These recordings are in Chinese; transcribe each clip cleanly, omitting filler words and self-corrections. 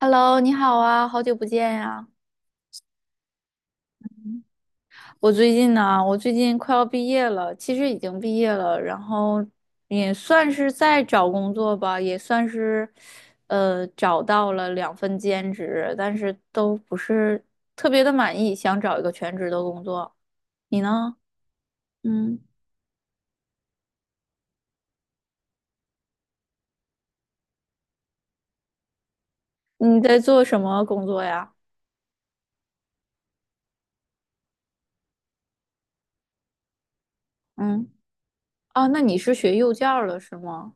Hello，你好啊，好久不见呀、我最近快要毕业了，其实已经毕业了，然后也算是在找工作吧，也算是，呃，找到了2份兼职，但是都不是特别的满意，想找一个全职的工作。你呢？嗯，你在做什么工作呀？嗯，啊，那你是学幼教的是吗？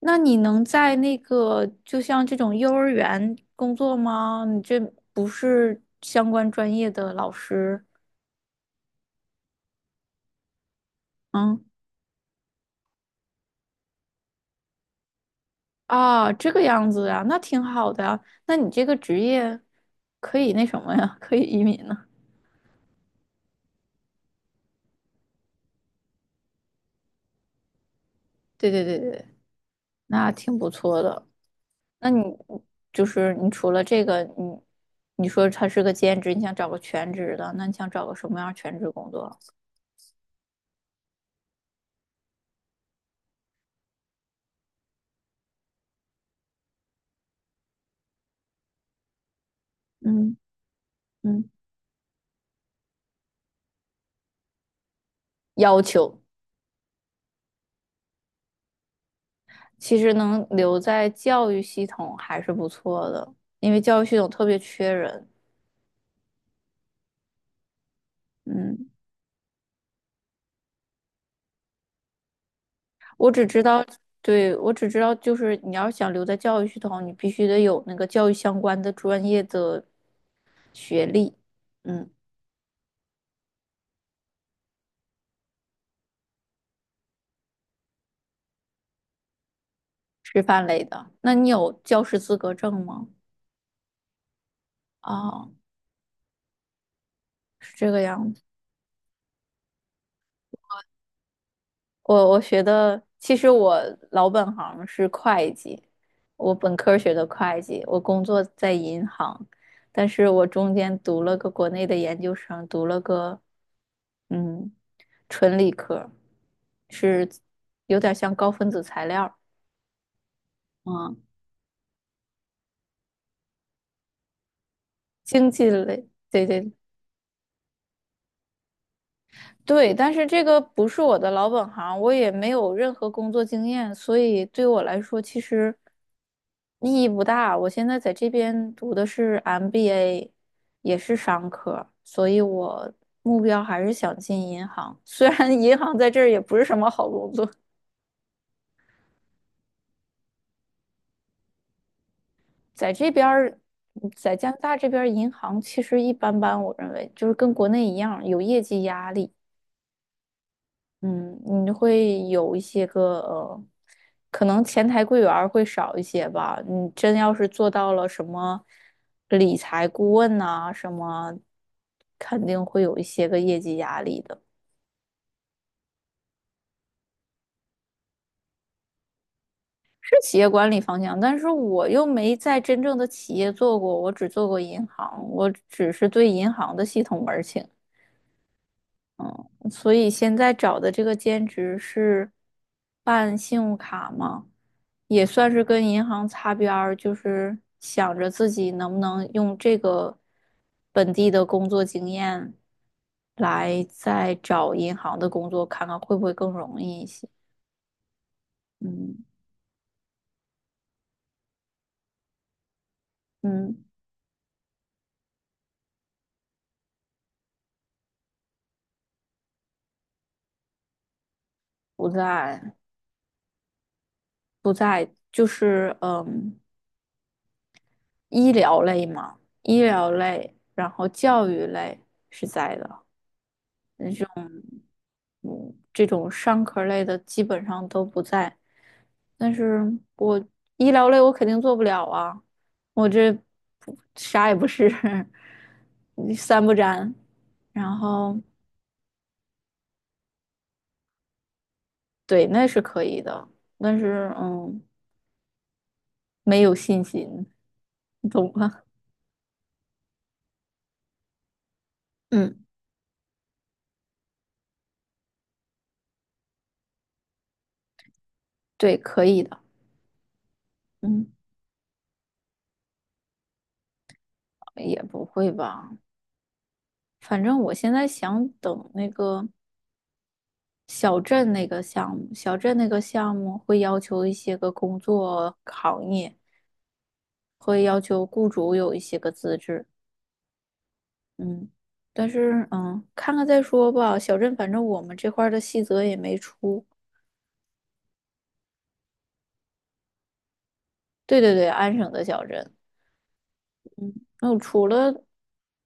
那你能在那个就像这种幼儿园工作吗？你这不是相关专业的老师，嗯，啊，这个样子啊，那挺好的啊。那你这个职业可以那什么呀？可以移民呢？对对对对，那挺不错的。那你就是你除了这个，你说他是个兼职，你想找个全职的，那你想找个什么样儿全职工作？嗯嗯，要求。其实能留在教育系统还是不错的，因为教育系统特别缺人。嗯，我只知道，对，我只知道，就是你要是想留在教育系统，你必须得有那个教育相关的专业的学历。嗯，师范类的。那你有教师资格证吗？哦，是这个样子。我我学的，其实我老本行是会计，我本科学的会计，我工作在银行，但是我中间读了个国内的研究生，读了个嗯纯理科，是有点像高分子材料。嗯，经济类，对对，对，但是这个不是我的老本行，我也没有任何工作经验，所以对我来说其实意义不大。我现在在这边读的是 MBA，也是商科，所以我目标还是想进银行。虽然银行在这儿也不是什么好工作，在这边儿，在加拿大这边儿银行其实一般般，我认为就是跟国内一样有业绩压力。嗯，你会有一些个可能前台柜员儿会少一些吧。你真要是做到了什么理财顾问呐、什么肯定会有一些个业绩压力的。是企业管理方向，但是我又没在真正的企业做过，我只做过银行，我只是对银行的系统门儿清。所以现在找的这个兼职是办信用卡吗？也算是跟银行擦边儿，就是想着自己能不能用这个本地的工作经验来再找银行的工作，看看会不会更容易一些。嗯嗯，不在不在，就是医疗类嘛，医疗类，然后教育类是在的。嗯，这种商科类的基本上都不在。但是我医疗类我肯定做不了啊，我这不啥也不是，三不沾。然后对，那是可以的，但是嗯，没有信心，你懂吗？嗯，对，可以的。嗯，也不会吧，反正我现在想等那个。小镇那个项目，小镇那个项目会要求一些个工作行业，会要求雇主有一些个资质。嗯，但是嗯，看看再说吧。小镇反正我们这块儿的细则也没出。对对对，安省的小镇。那我除了，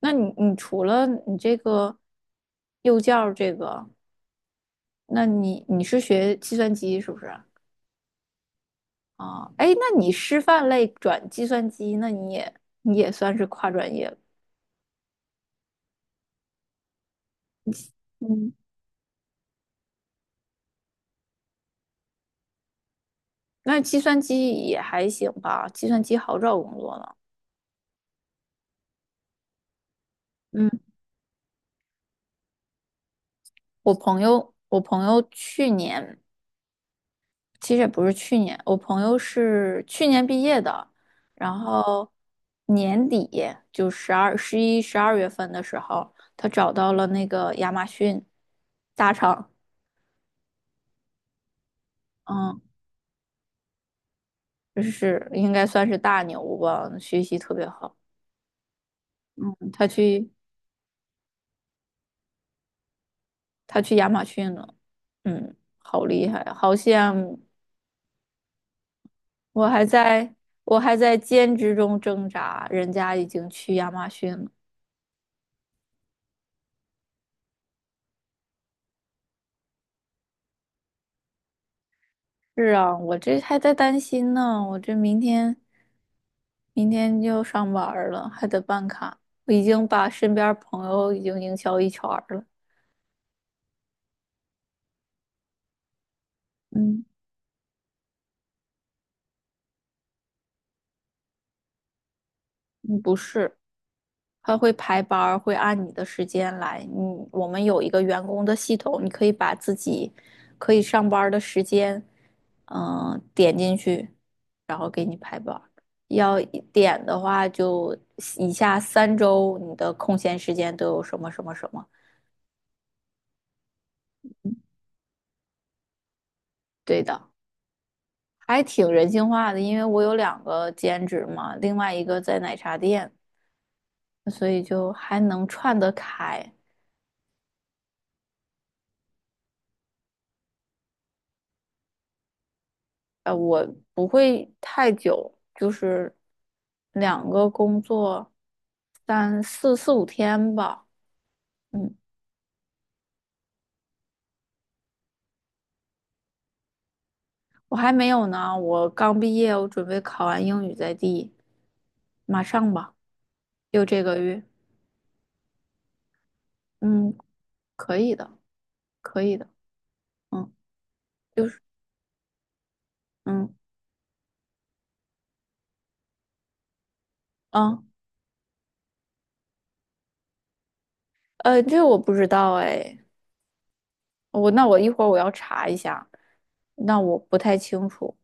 那你除了你这个幼教这个，那你你是学计算机是不是？啊，哎，那你师范类转计算机，那你也算是跨专业。嗯，那计算机也还行吧，计算机好找工作呢。嗯，我朋友去年其实也不是去年，我朋友是去年毕业的，然后年底就12、11、12月份的时候，他找到了那个亚马逊大厂。嗯，就是应该算是大牛吧，学习特别好。嗯，他去亚马逊了。嗯，好厉害，好像。我还在我还在兼职中挣扎，人家已经去亚马逊了。是啊，我这还在担心呢，我这明天就上班儿了，还得办卡。我已经把身边儿朋友已经营销一圈儿了。嗯，嗯不是，他会排班儿会按你的时间来。我们有一个员工的系统，你可以把自己可以上班儿的时间，点进去。要一点的话，就以下3周你的空闲时间都有什么什么什么？对的，还挺人性化的，因为我有两个兼职嘛，另外一个在奶茶店，所以就还能串得开。呃，我不会太久，就是两个工作三四四五天吧。嗯，我还没有呢，我刚毕业，我准备考完英语马上吧，就这个月。嗯，可以的，可以的。嗯，就是嗯啊这个我不知道哎，那我一会儿我要查一下，那我不太清楚。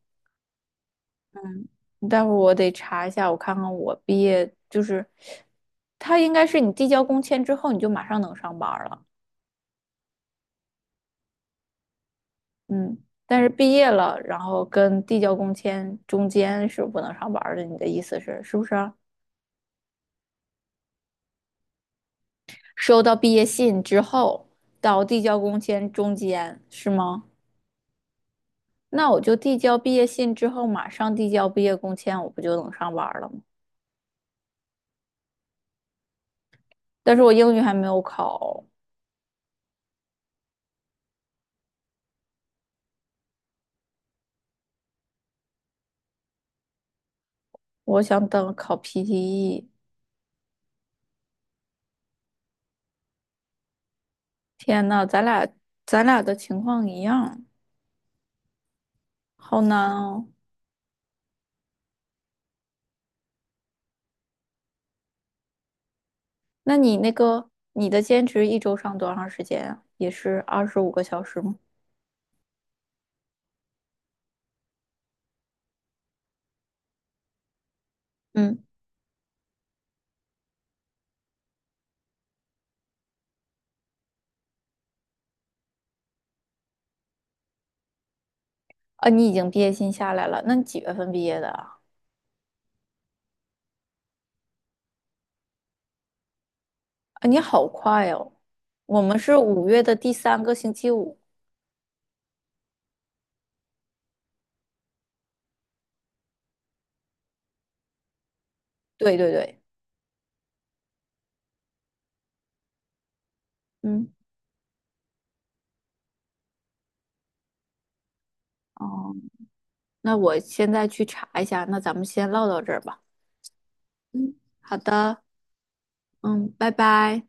待会儿我得查一下，我看看我毕业就是，他应该是你递交工签之后你就马上能上班儿了。嗯，但是毕业了，然后跟递交工签中间是不能上班儿的，你的意思是是不是啊？收到毕业信之后到递交工签中间是吗？那我就递交毕业信之后，马上递交毕业工签，我不就能上班儿了吗？但是我英语还没有考，我想等考 PTE。天呐，咱俩的情况一样，好难哦。那你那个你的兼职一周上多长时间啊？也是25个小时吗？嗯，啊，你已经毕业信下来了，那你几月份毕业的啊？啊，你好快哦。我们是5月的第三个星期五。对对对，嗯，哦，那我现在去查一下，那咱们先唠到这儿吧。嗯，好的，嗯，拜拜。